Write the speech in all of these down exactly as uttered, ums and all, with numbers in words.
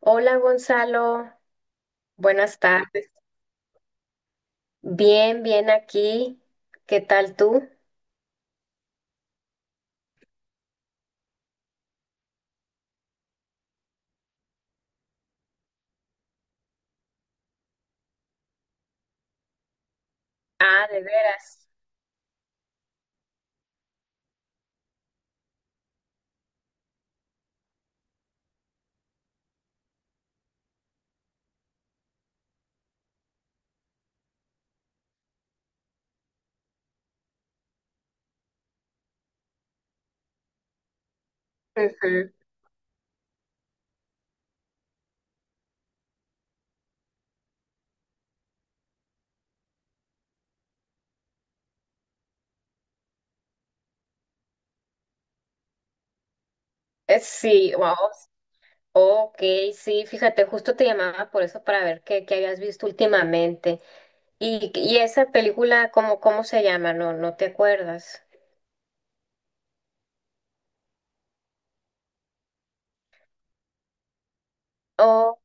Hola Gonzalo, buenas tardes. Bien, bien aquí. ¿Qué tal tú? Ah, de veras. Ujú. Eh, Sí, wow. Ok, sí, fíjate, justo te llamaba por eso para ver qué, qué habías visto últimamente. Y, y esa película, ¿cómo, cómo se llama? No, no te acuerdas. Ok,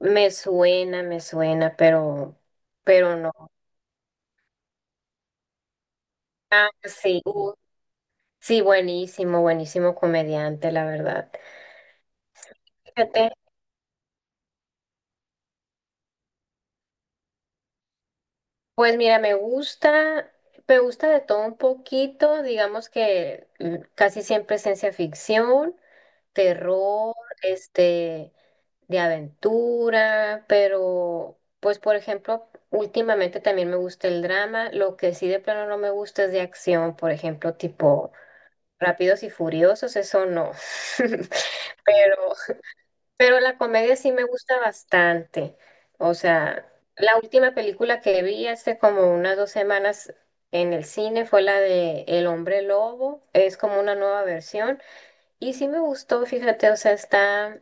me suena, me suena, pero, pero no. Ah, sí, uh, sí, buenísimo, buenísimo comediante, la verdad. Fíjate. Pues mira, me gusta, me gusta de todo un poquito, digamos que mm, casi siempre es ciencia ficción, terror, este, de aventura, pero pues por ejemplo, últimamente también me gusta el drama, lo que sí de plano no me gusta es de acción, por ejemplo, tipo Rápidos y Furiosos, eso no. Pero pero la comedia sí me gusta bastante. O sea, la última película que vi hace como unas dos semanas en el cine fue la de El hombre lobo. Es como una nueva versión. Y sí me gustó, fíjate, o sea, está,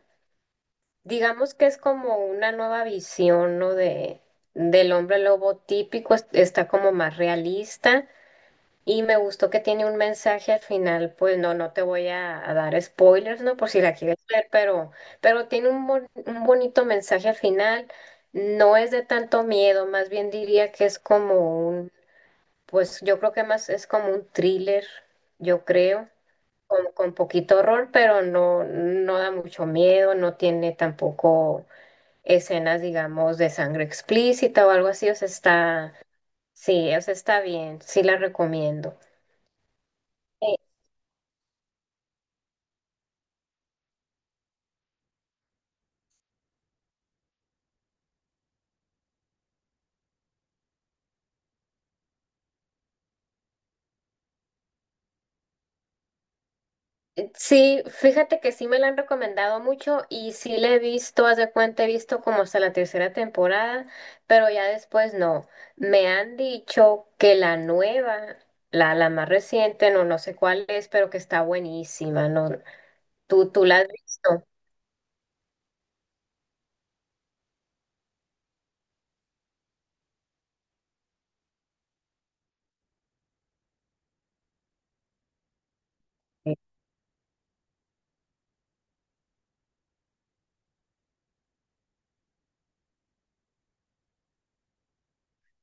digamos que es como una nueva visión, ¿no? De, del hombre lobo típico. es- Está como más realista. Y me gustó que tiene un mensaje al final, pues no, no te voy a, a dar spoilers, ¿no? Por si la quieres ver, pero, pero tiene un, bon- un bonito mensaje al final. No es de tanto miedo, más bien diría que es como un, pues yo creo que más es como un thriller, yo creo, con, con poquito horror, pero no, no da mucho miedo, no tiene tampoco escenas, digamos, de sangre explícita o algo así, o sea, está, sí, o sea, está bien, sí la recomiendo. Sí, fíjate que sí me la han recomendado mucho y sí la he visto, haz de cuenta, he visto como hasta la tercera temporada, pero ya después no. Me han dicho que la nueva, la, la más reciente, no, no sé cuál es, pero que está buenísima, ¿no? ¿Tú, tú la has visto? Sí.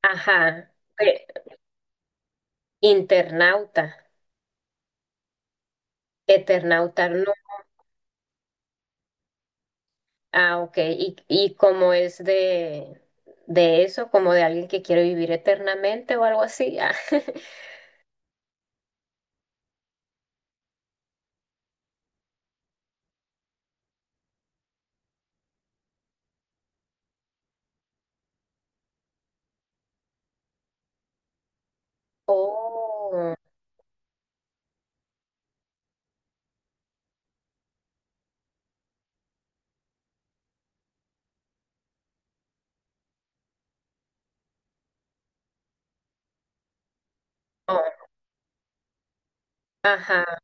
Ajá. Pe- Internauta, Eternauta, no. Ah, ok. Y, y como es de, de eso, como de alguien que quiere vivir eternamente o algo así. Ah. Oh, oh, ajá.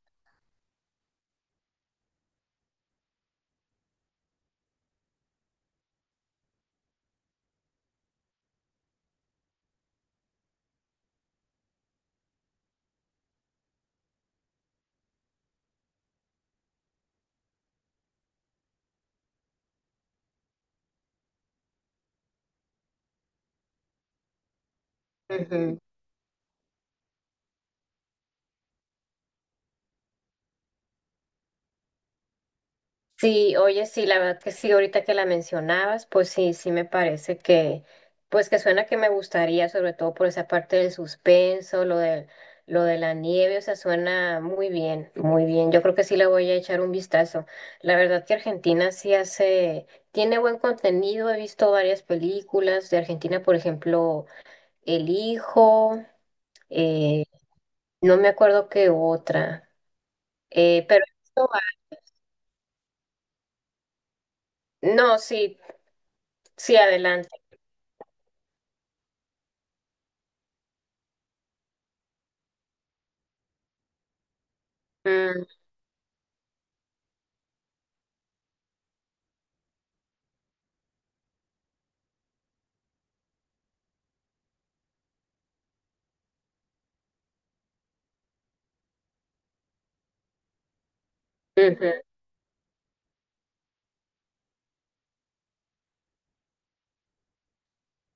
Ujú. Sí, oye, sí, la verdad que sí, ahorita que la mencionabas, pues sí, sí me parece que, pues que suena que me gustaría, sobre todo por esa parte del suspenso, lo del, lo de la nieve, o sea, suena muy bien, muy bien. Yo creo que sí le voy a echar un vistazo. La verdad que Argentina sí hace, tiene buen contenido, he visto varias películas de Argentina, por ejemplo, El Hijo, eh, no me acuerdo qué otra, eh, pero. No, sí, sí, adelante. Mm, ujú.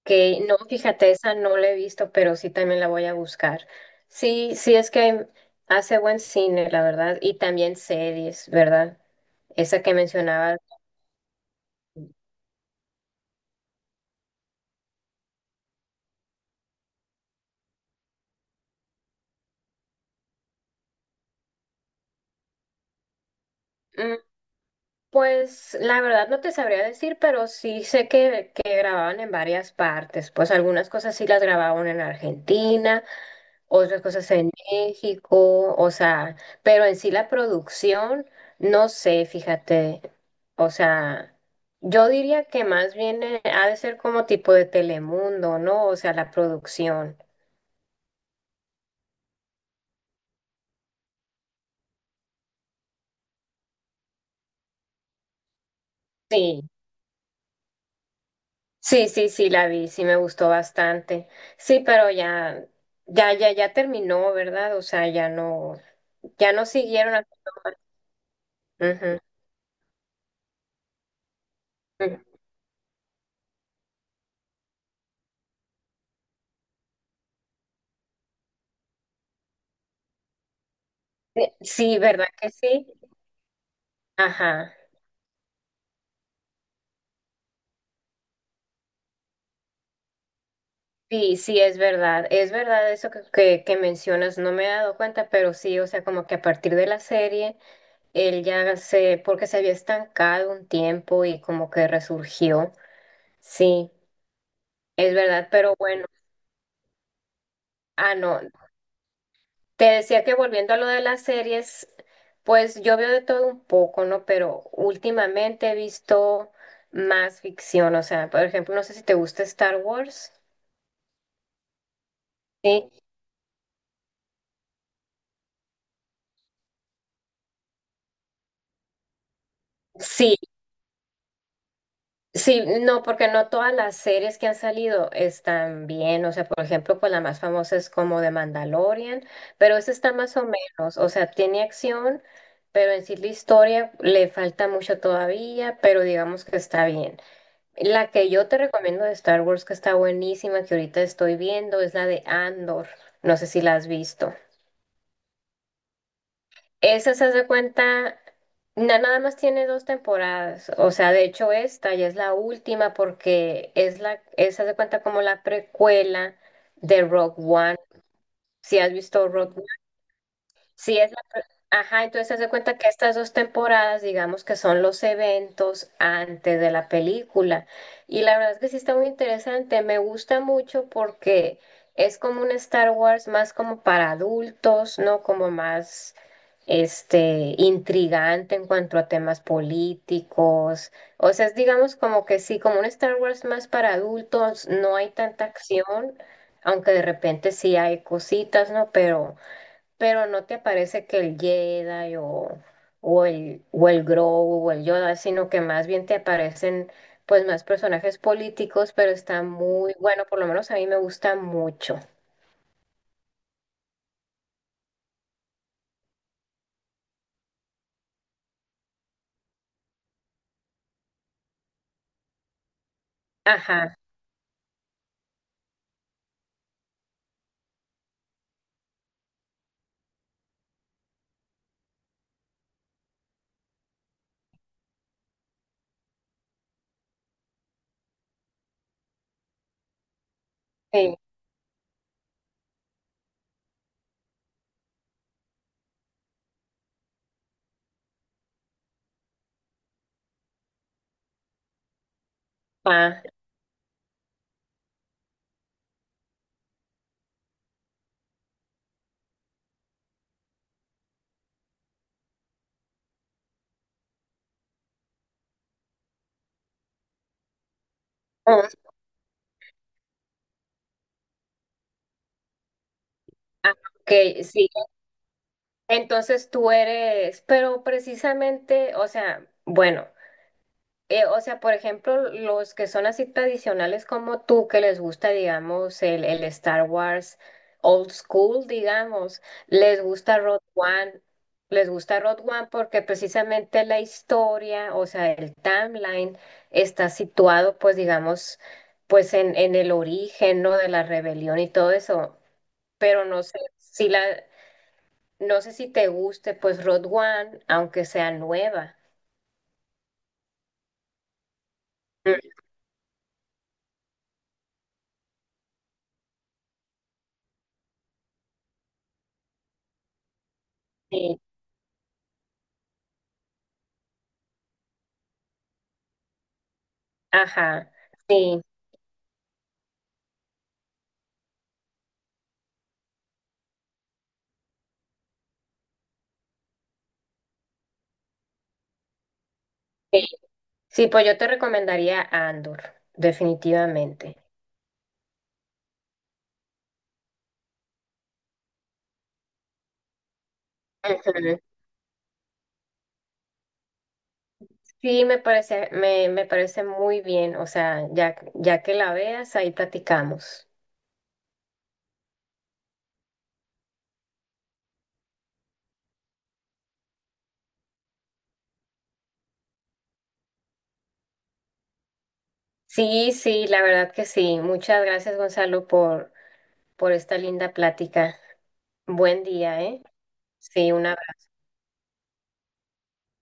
Que no, fíjate, esa no la he visto, pero sí también la voy a buscar. Sí, sí, es que hace buen cine, la verdad, y también series, ¿verdad? Esa que mencionabas. Mm, Pues la verdad no te sabría decir, pero sí sé que, que grababan en varias partes. Pues algunas cosas sí las grababan en Argentina, otras cosas en México, o sea, pero en sí la producción, no sé, fíjate, o sea, yo diría que más bien eh, ha de ser como tipo de Telemundo, ¿no? O sea, la producción. Sí, sí, sí, sí, la vi, sí me gustó bastante. Sí, pero ya, ya, ya, ya terminó, ¿verdad? O sea, ya no, ya no siguieron. a- Ujú. Sí, ¿verdad que sí? Ajá. Sí, sí, es verdad, es verdad eso que, que, que mencionas, no me he dado cuenta, pero sí, o sea, como que a partir de la serie, él ya se, porque se había estancado un tiempo y como que resurgió, sí, es verdad, pero bueno. Ah, no, te decía que volviendo a lo de las series, pues yo veo de todo un poco, ¿no? Pero últimamente he visto más ficción, o sea, por ejemplo, no sé si te gusta Star Wars, ¿sí? Sí, Sí, no, porque no todas las series que han salido están bien, o sea, por ejemplo, pues la más famosa es como de Mandalorian, pero esa está más o menos, o sea, tiene acción, pero en sí la historia le falta mucho todavía, pero digamos que está bien. La que yo te recomiendo de Star Wars que está buenísima, que ahorita estoy viendo, es la de Andor, no sé si la has visto. Esa se hace cuenta, na- nada más tiene dos temporadas, o sea, de hecho esta ya es la última porque es la, esa se cuenta como la precuela de Rogue One. Si has visto Rogue. Sí, es la... pr- Ajá, entonces se hace cuenta que estas dos temporadas, digamos que son los eventos antes de la película. Y la verdad es que sí está muy interesante. Me gusta mucho porque es como un Star Wars más como para adultos, ¿no? Como más este intrigante en cuanto a temas políticos. O sea, es digamos como que sí, como un Star Wars más para adultos, no hay tanta acción, aunque de repente sí hay cositas, ¿no? Pero pero no te parece que el Jedi o, o el, o el Grogu o el Yoda, sino que más bien te aparecen pues más personajes políticos, pero está muy bueno, por lo menos a mí me gusta mucho. Ajá, sí, ah, mm, ah, ok, sí. Entonces tú eres, pero precisamente, o sea, bueno. Eh, o sea, por ejemplo, los que son así tradicionales como tú, que les gusta, digamos, el, el Star Wars old school, digamos, les gusta Road One, les gusta Road One porque precisamente la historia, o sea, el timeline está situado, pues, digamos, pues en, en el origen, ¿no? De la rebelión y todo eso, pero no sé si la, no sé si te guste, pues, Road One, aunque sea nueva. Mm, Sí, ajá, sí. Sí. Sí, pues yo te recomendaría Andor, definitivamente. Ujú. Sí, me parece, me, me parece muy bien. O sea, ya, ya que la veas, ahí platicamos. Sí, sí, la verdad que sí. Muchas gracias, Gonzalo, por, por esta linda plática. Buen día, ¿eh? Sí, una